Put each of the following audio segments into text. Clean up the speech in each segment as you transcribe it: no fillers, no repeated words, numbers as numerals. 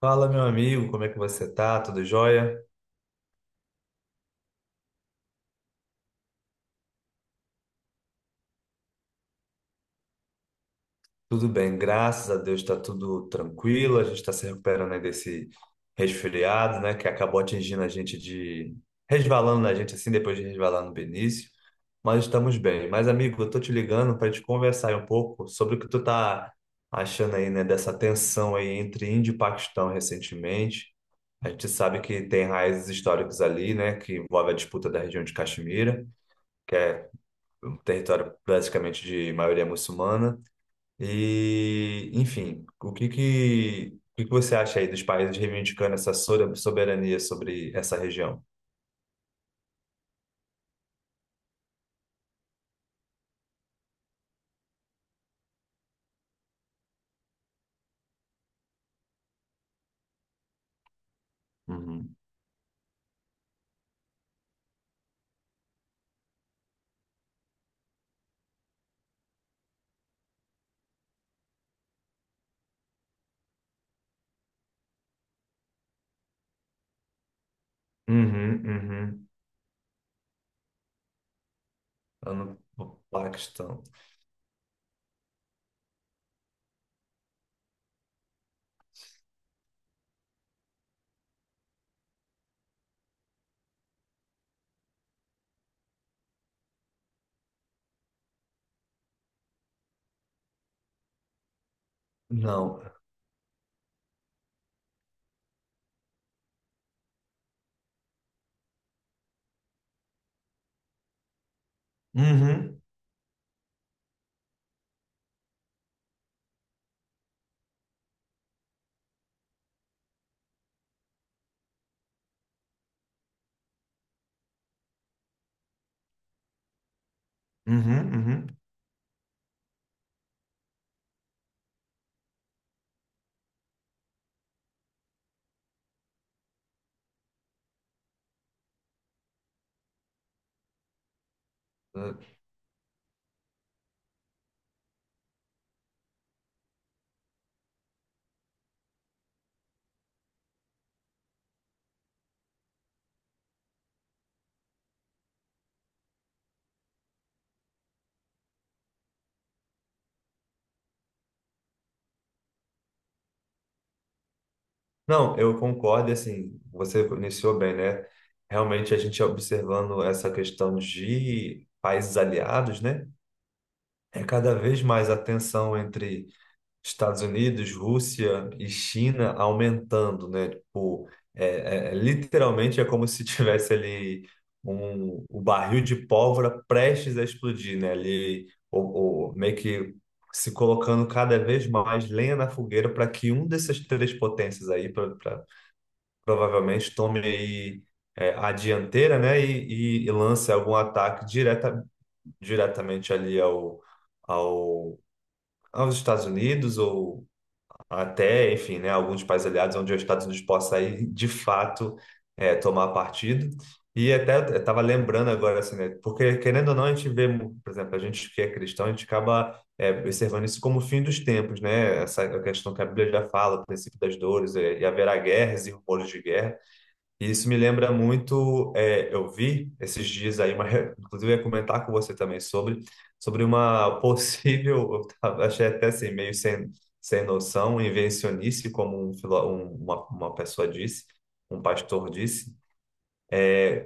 Fala, meu amigo, como é que você tá? Tudo jóia? Tudo bem, graças a Deus tá tudo tranquilo. A gente está se recuperando aí desse resfriado, né, que acabou atingindo a gente de resvalando na gente assim depois de resvalar no Benício, mas estamos bem. Mas amigo, eu tô te ligando para te conversar aí um pouco sobre o que tu tá achando aí, né, dessa tensão aí entre Índia e Paquistão recentemente. A gente sabe que tem raízes históricas ali, né, que envolve a disputa da região de Caxemira que é território basicamente de maioria muçulmana. E, enfim, o que que você acha aí dos países reivindicando essa soberania sobre essa região? Uhum. Uhum, uhum. Eu não- O Paquistão. Não. Uhum, uhum, uhum. Não, eu concordo, e, assim, você iniciou bem, né? Realmente a gente observando essa questão de países aliados, né? É cada vez mais a tensão entre Estados Unidos, Rússia e China aumentando, né? Tipo, é, literalmente é como se tivesse ali o barril de pólvora prestes a explodir, né? Ali, meio que se colocando cada vez mais lenha na fogueira para que um dessas três potências aí provavelmente tome aí a dianteira, né? E, e lance algum ataque direta, diretamente ao, aos Estados Unidos ou até, enfim, né, alguns países aliados onde os Estados Unidos possa ir, de fato, tomar partido. E até eu estava lembrando agora, assim, né, porque querendo ou não, a gente vê, por exemplo, a gente que é cristão, a gente acaba observando isso como o fim dos tempos, né? Essa questão que a Bíblia já fala, o princípio das dores, e haverá guerras e rumores de guerra. E isso me lembra muito, é, eu vi esses dias aí, inclusive eu ia comentar com você também sobre uma possível, achei até assim, meio sem, sem noção, invencionice, como uma pessoa disse, um pastor disse,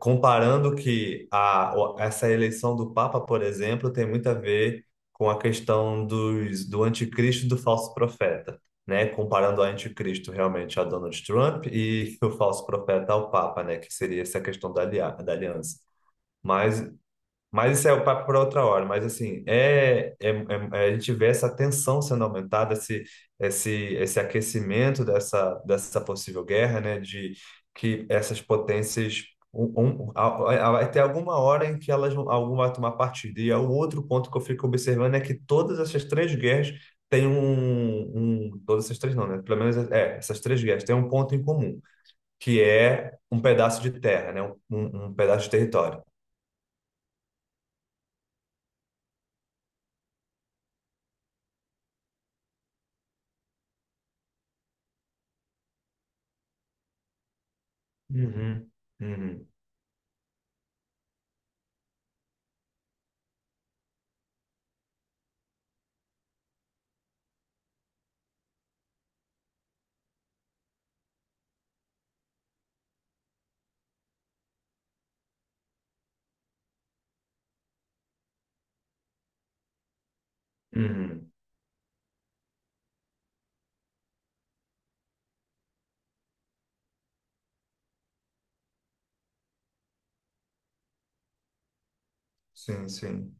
comparando que essa eleição do Papa, por exemplo, tem muito a ver com a questão do anticristo e do falso profeta, né? Comparando o anticristo realmente a Donald Trump e o falso profeta ao Papa, né? Que seria essa questão da aliança. Mas mas isso é o papo para outra hora. Mas assim, a gente vê essa tensão sendo aumentada, esse aquecimento dessa possível guerra, né? De que essas potências vai ter alguma hora em que alguma vai tomar partido. E é o outro ponto que eu fico observando é que todas essas três guerras têm um, um todas essas três não, né? Pelo menos é, essas três guerras têm um ponto em comum, que é um pedaço de terra, né? Um pedaço de território. Uhum. Uhum. Uhum. Sim, sim.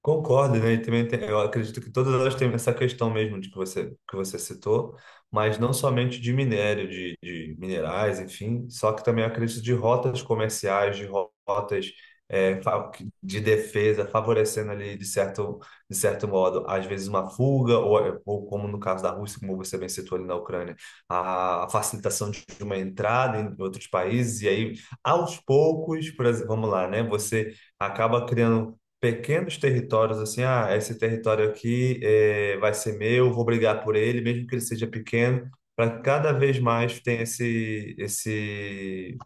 Concordo, né? Eu acredito que todas elas têm essa questão mesmo de que você citou, mas não somente de minério, de minerais, enfim, só que também eu acredito de rotas comerciais, rotas é, fa- de defesa, favorecendo ali de certo modo, às vezes uma fuga, ou como no caso da Rússia, como você bem citou ali na Ucrânia, a facilitação de uma entrada em outros países, e aí, aos poucos, por exemplo, vamos lá, né? Você acaba criando pequenos territórios, assim, ah, esse território aqui vai ser meu, vou brigar por ele, mesmo que ele seja pequeno, para que cada vez mais tenha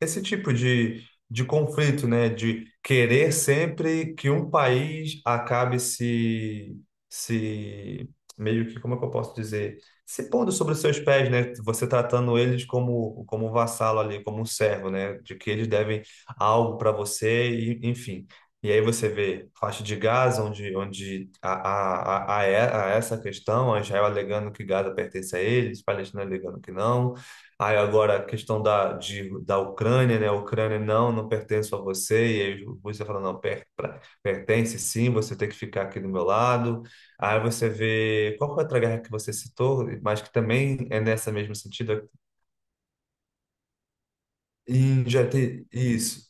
esse tipo de conflito, né? De querer sempre que um país acabe se, se meio que, como é que eu posso dizer? Se pondo sobre os seus pés, né? Você tratando eles como, como um vassalo ali, como um servo, né? De que eles devem algo para você, e, enfim. E aí você vê faixa de Gaza, onde a essa questão, a Israel alegando que Gaza pertence a eles, Palestina alegando que não. Aí agora a questão da Ucrânia, né? A Ucrânia não pertence a você. E aí você fala, não, pertence sim, você tem que ficar aqui do meu lado. Aí você vê, qual foi a outra guerra que você citou, mas que também é nessa mesmo sentido? Isso.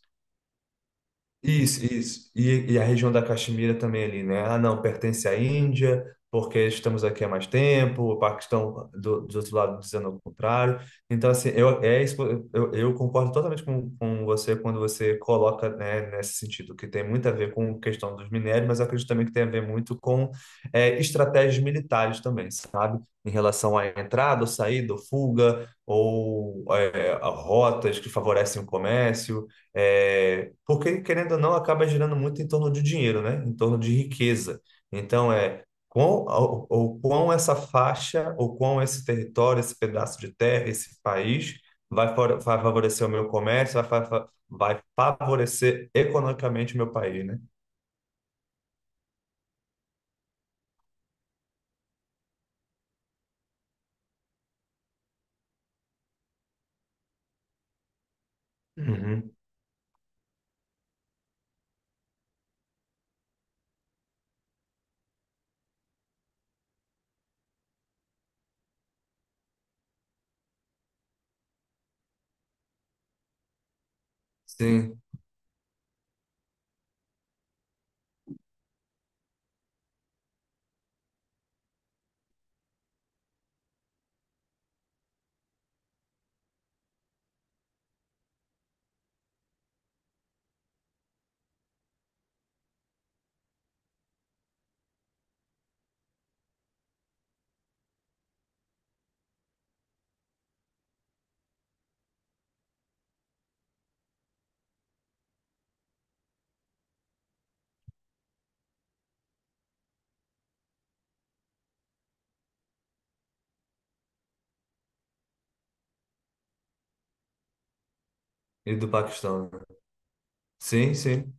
Isso, isso. E a região da Caxemira também ali, né? Ah, não, pertence à Índia, porque estamos aqui há mais tempo, o Paquistão do outro lado dizendo o contrário. Então, assim, eu concordo totalmente com você quando você coloca, né, nesse sentido, que tem muito a ver com a questão dos minérios, mas eu acredito também que tem a ver muito com é, estratégias militares também, sabe? Em relação à entrada, ou saída, ou fuga, ou é, a rotas que favorecem o comércio. É, porque, querendo ou não, acaba girando muito em torno de dinheiro, né? Em torno de riqueza. Então, é quão, ou quão essa faixa, ou quão esse território, esse pedaço de terra, esse país vai favorecer o meu comércio, vai favorecer economicamente o meu país, né? Uhum. Uhum. Sim, e do Paquistão. Né? Sim, sim.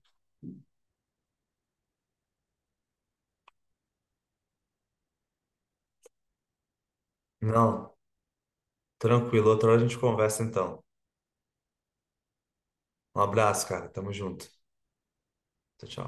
Não, tranquilo. Outra hora a gente conversa então. Um abraço, cara. Tamo junto. Tchau, tchau.